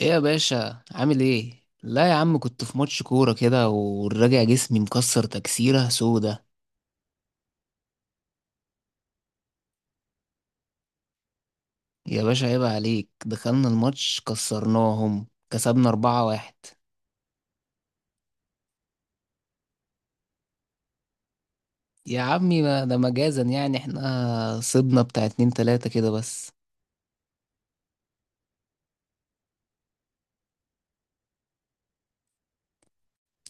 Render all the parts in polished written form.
ايه يا باشا، عامل ايه؟ لا يا عم، كنت في ماتش كورة كده والراجع جسمي مكسر تكسيرة سودة. يا باشا عيب عليك، دخلنا الماتش كسرناهم كسبنا 4-1. يا عمي ما ده مجازا، يعني احنا صبنا بتاع اتنين تلاتة كده بس.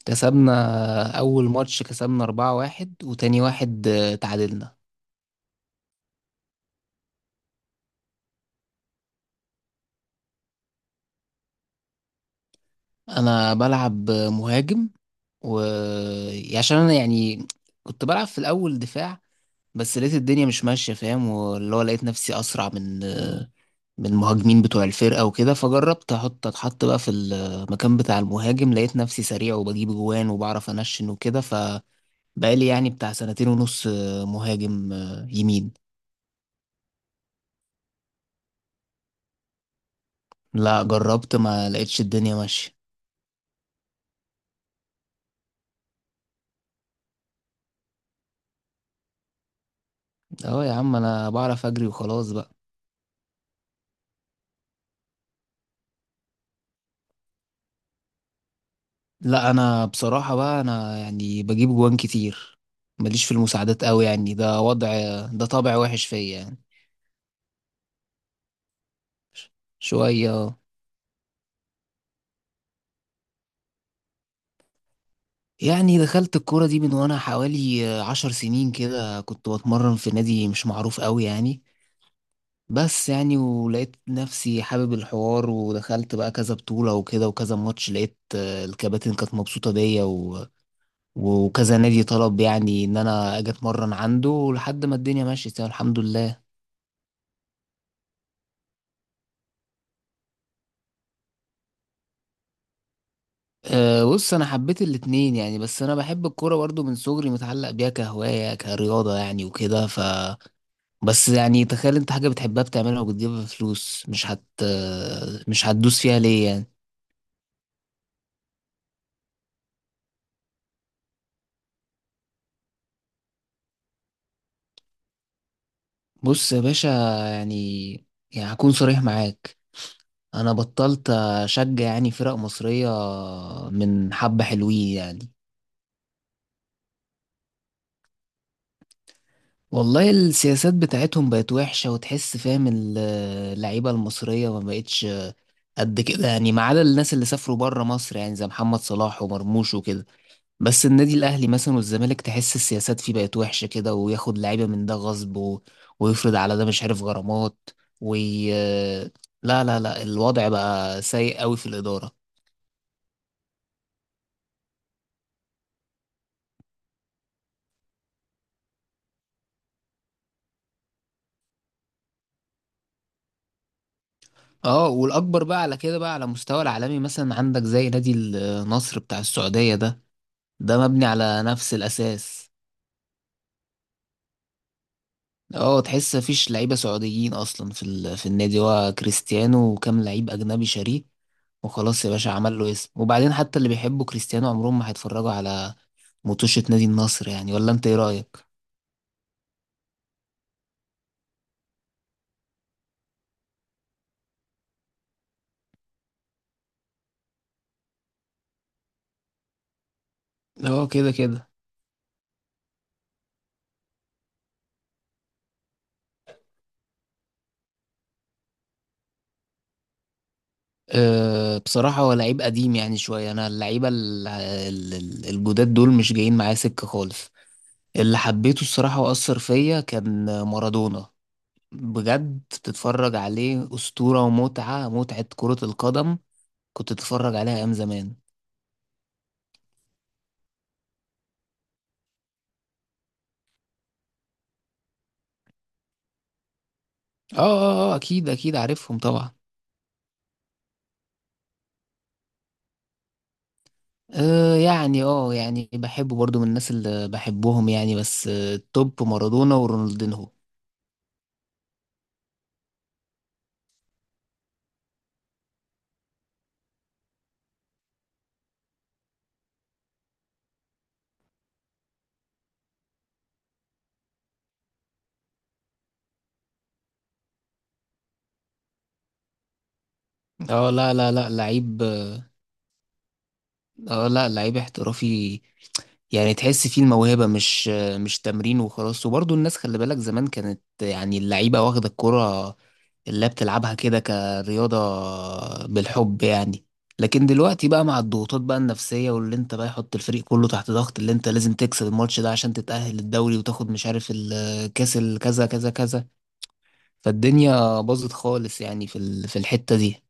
كسبنا أول ماتش كسبنا 4-1، وتاني واحد تعادلنا. أنا بلعب مهاجم. و عشان أنا يعني كنت بلعب في الأول دفاع، بس لقيت الدنيا مش ماشية، فاهم؟ واللي هو لقيت نفسي أسرع من المهاجمين بتوع الفرقة وكده، فجربت أتحط بقى في المكان بتاع المهاجم، لقيت نفسي سريع وبجيب جوان وبعرف أنشن وكده، فبقالي يعني بتاع سنتين ونص مهاجم يمين. لا، جربت ما لقيتش الدنيا ماشية. أهو يا عم، أنا بعرف أجري وخلاص بقى. لا، أنا بصراحة بقى، أنا يعني بجيب جوان كتير، ماليش في المساعدات قوي يعني، ده طبع وحش فيا يعني. شوية. يعني دخلت الكورة دي من وأنا حوالي 10 سنين كده، كنت بتمرن في نادي مش معروف قوي يعني، بس يعني ولقيت نفسي حابب الحوار، ودخلت بقى كذا بطولة وكده وكذا ماتش، لقيت الكباتن كانت مبسوطة بيا وكذا نادي طلب يعني إن أنا أجي أتمرن عنده لحد ما الدنيا مشيت، يعني الحمد لله. أه، بص أنا حبيت الاتنين يعني، بس أنا بحب الكورة برضه من صغري متعلق بيها كهواية كرياضة يعني وكده بس يعني تخيل انت حاجة بتحبها بتعملها وبتجيبها فلوس، مش هتدوس فيها ليه يعني؟ بص يا باشا، يعني يعني هكون صريح معاك. انا بطلت اشجع يعني فرق مصرية من حبة، حلوين يعني. والله السياسات بتاعتهم بقت وحشة، وتحس فاهم اللعيبة المصرية ما بقتش قد كده يعني، ما عدا الناس اللي سافروا بره مصر يعني، زي محمد صلاح ومرموش وكده. بس النادي الاهلي مثلا والزمالك تحس السياسات فيه بقت وحشه كده، وياخد لعيبه من ده غصب ويفرض على ده مش عارف غرامات وي... لا لا لا، الوضع بقى سيء قوي في الاداره. اه، والاكبر بقى على كده بقى على مستوى العالمي مثلا، عندك زي نادي النصر بتاع السعوديه ده مبني على نفس الاساس. اه، تحس مفيش لعيبه سعوديين اصلا في النادي، هو كريستيانو وكام لعيب اجنبي شاريه، وخلاص يا باشا عمل له اسم، وبعدين حتى اللي بيحبوا كريستيانو عمرهم ما هيتفرجوا على مطوشة نادي النصر يعني، ولا انت ايه رأيك؟ اه كده كده. أه، بصراحة هو لعيب قديم يعني شوية، أنا اللعيبة الجداد دول مش جايين معايا سكة خالص. اللي حبيته الصراحة وأثر فيا كان مارادونا، بجد بتتفرج عليه أسطورة، ومتعة متعة كرة القدم. كنت تتفرج عليها أيام زمان. اه، اه، اه، أكيد أكيد عارفهم طبعا. يعني بحبه برضو من الناس اللي بحبهم يعني، بس التوب مارادونا ورونالدينهو. اه، لا لا لا، لعيب. اه، لا، لعيب احترافي، يعني تحس فيه الموهبة، مش تمرين وخلاص. وبرضه الناس خلي بالك زمان كانت يعني اللعيبة واخدة الكرة اللي بتلعبها كده كرياضة، بالحب يعني. لكن دلوقتي بقى مع الضغوطات بقى النفسية، واللي انت بقى يحط الفريق كله تحت ضغط، اللي انت لازم تكسب الماتش ده عشان تتأهل الدوري وتاخد مش عارف الكاس الكذا كذا كذا، فالدنيا باظت خالص يعني في الحتة دي.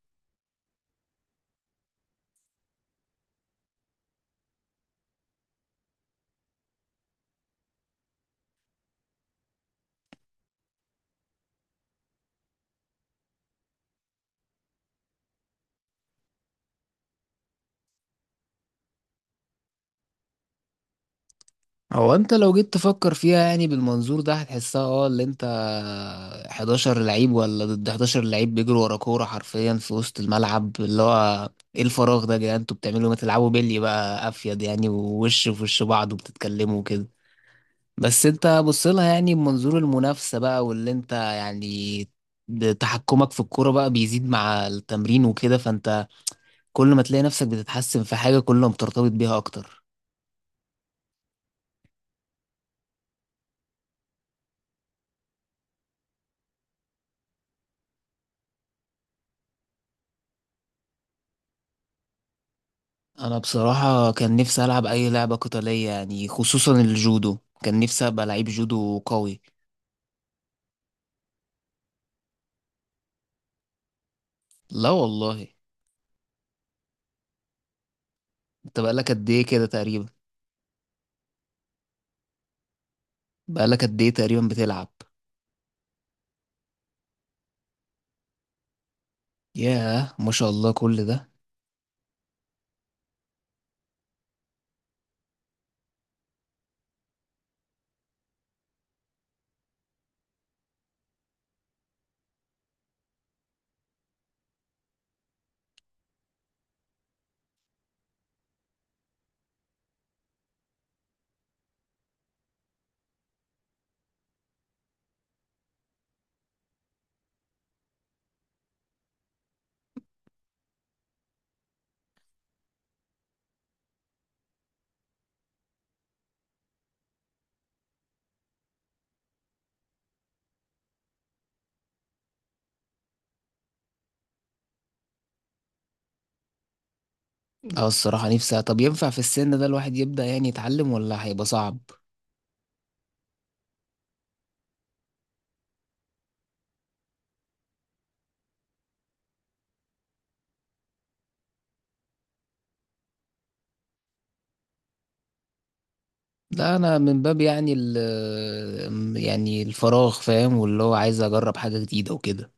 هو انت لو جيت تفكر فيها يعني بالمنظور ده هتحسها، اه، اللي انت 11 لعيب ولا ضد 11 لعيب بيجروا ورا كورة حرفيا في وسط الملعب، اللي هو ايه الفراغ ده يا جدعان، انتوا بتعملوا إيه؟ ما تلعبوا بيلي بقى افيد يعني، ووش في وش بعض وبتتكلموا كده. بس انت بص لها يعني بمنظور المنافسة بقى، واللي انت يعني تحكمك في الكورة بقى بيزيد مع التمرين وكده، فانت كل ما تلاقي نفسك بتتحسن في حاجة كل ما بترتبط بيها اكتر. انا بصراحة كان نفسي العب اي لعبة قتالية يعني، خصوصا الجودو. كان نفسي ابقى لعيب جودو قوي. لا والله. انت بقالك قد ايه كده تقريبا بقالك قد ايه تقريبا بتلعب؟ ياه، ما شاء الله كل ده! اه، الصراحة نفسي، طب ينفع في السن ده الواحد يبدأ يعني يتعلم ولا هيبقى صعب؟ لا، انا من باب يعني يعني الفراغ، فاهم؟ واللي هو عايز اجرب حاجة جديدة وكده.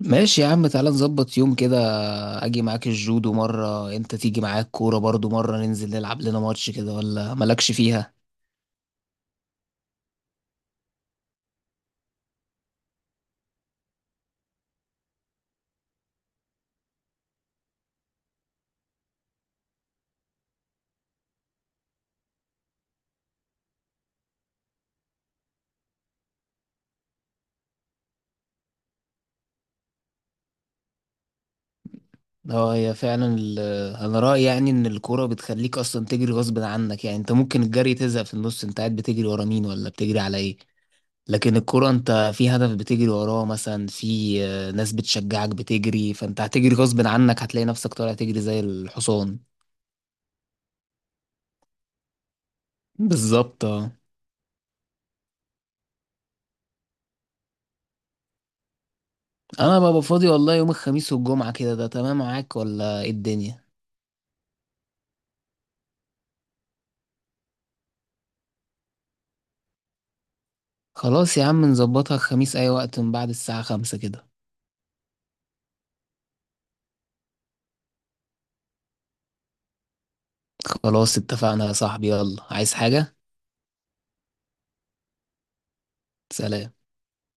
ماشي يا عم، تعالى نظبط يوم كده، اجي معاك الجودو مرة انت تيجي معاك كورة برضو مرة ننزل نلعب لنا ماتش كده، ولا مالكش فيها؟ اه، انا رأيي يعني ان الكورة بتخليك اصلا تجري غصب عنك، يعني انت ممكن الجري تزهق في النص، انت قاعد بتجري ورا مين ولا بتجري على ايه؟ لكن الكورة انت في هدف بتجري وراه، مثلا في ناس بتشجعك بتجري، فانت هتجري غصب عنك، هتلاقي نفسك طالع تجري زي الحصان. بالظبط اه. انا ببقى فاضي والله يوم الخميس والجمعة كده، ده تمام معاك ولا ايه الدنيا؟ خلاص يا عم، نظبطها الخميس اي وقت من بعد الساعة 5 كده. خلاص اتفقنا يا صاحبي، يلا عايز حاجة؟ سلام.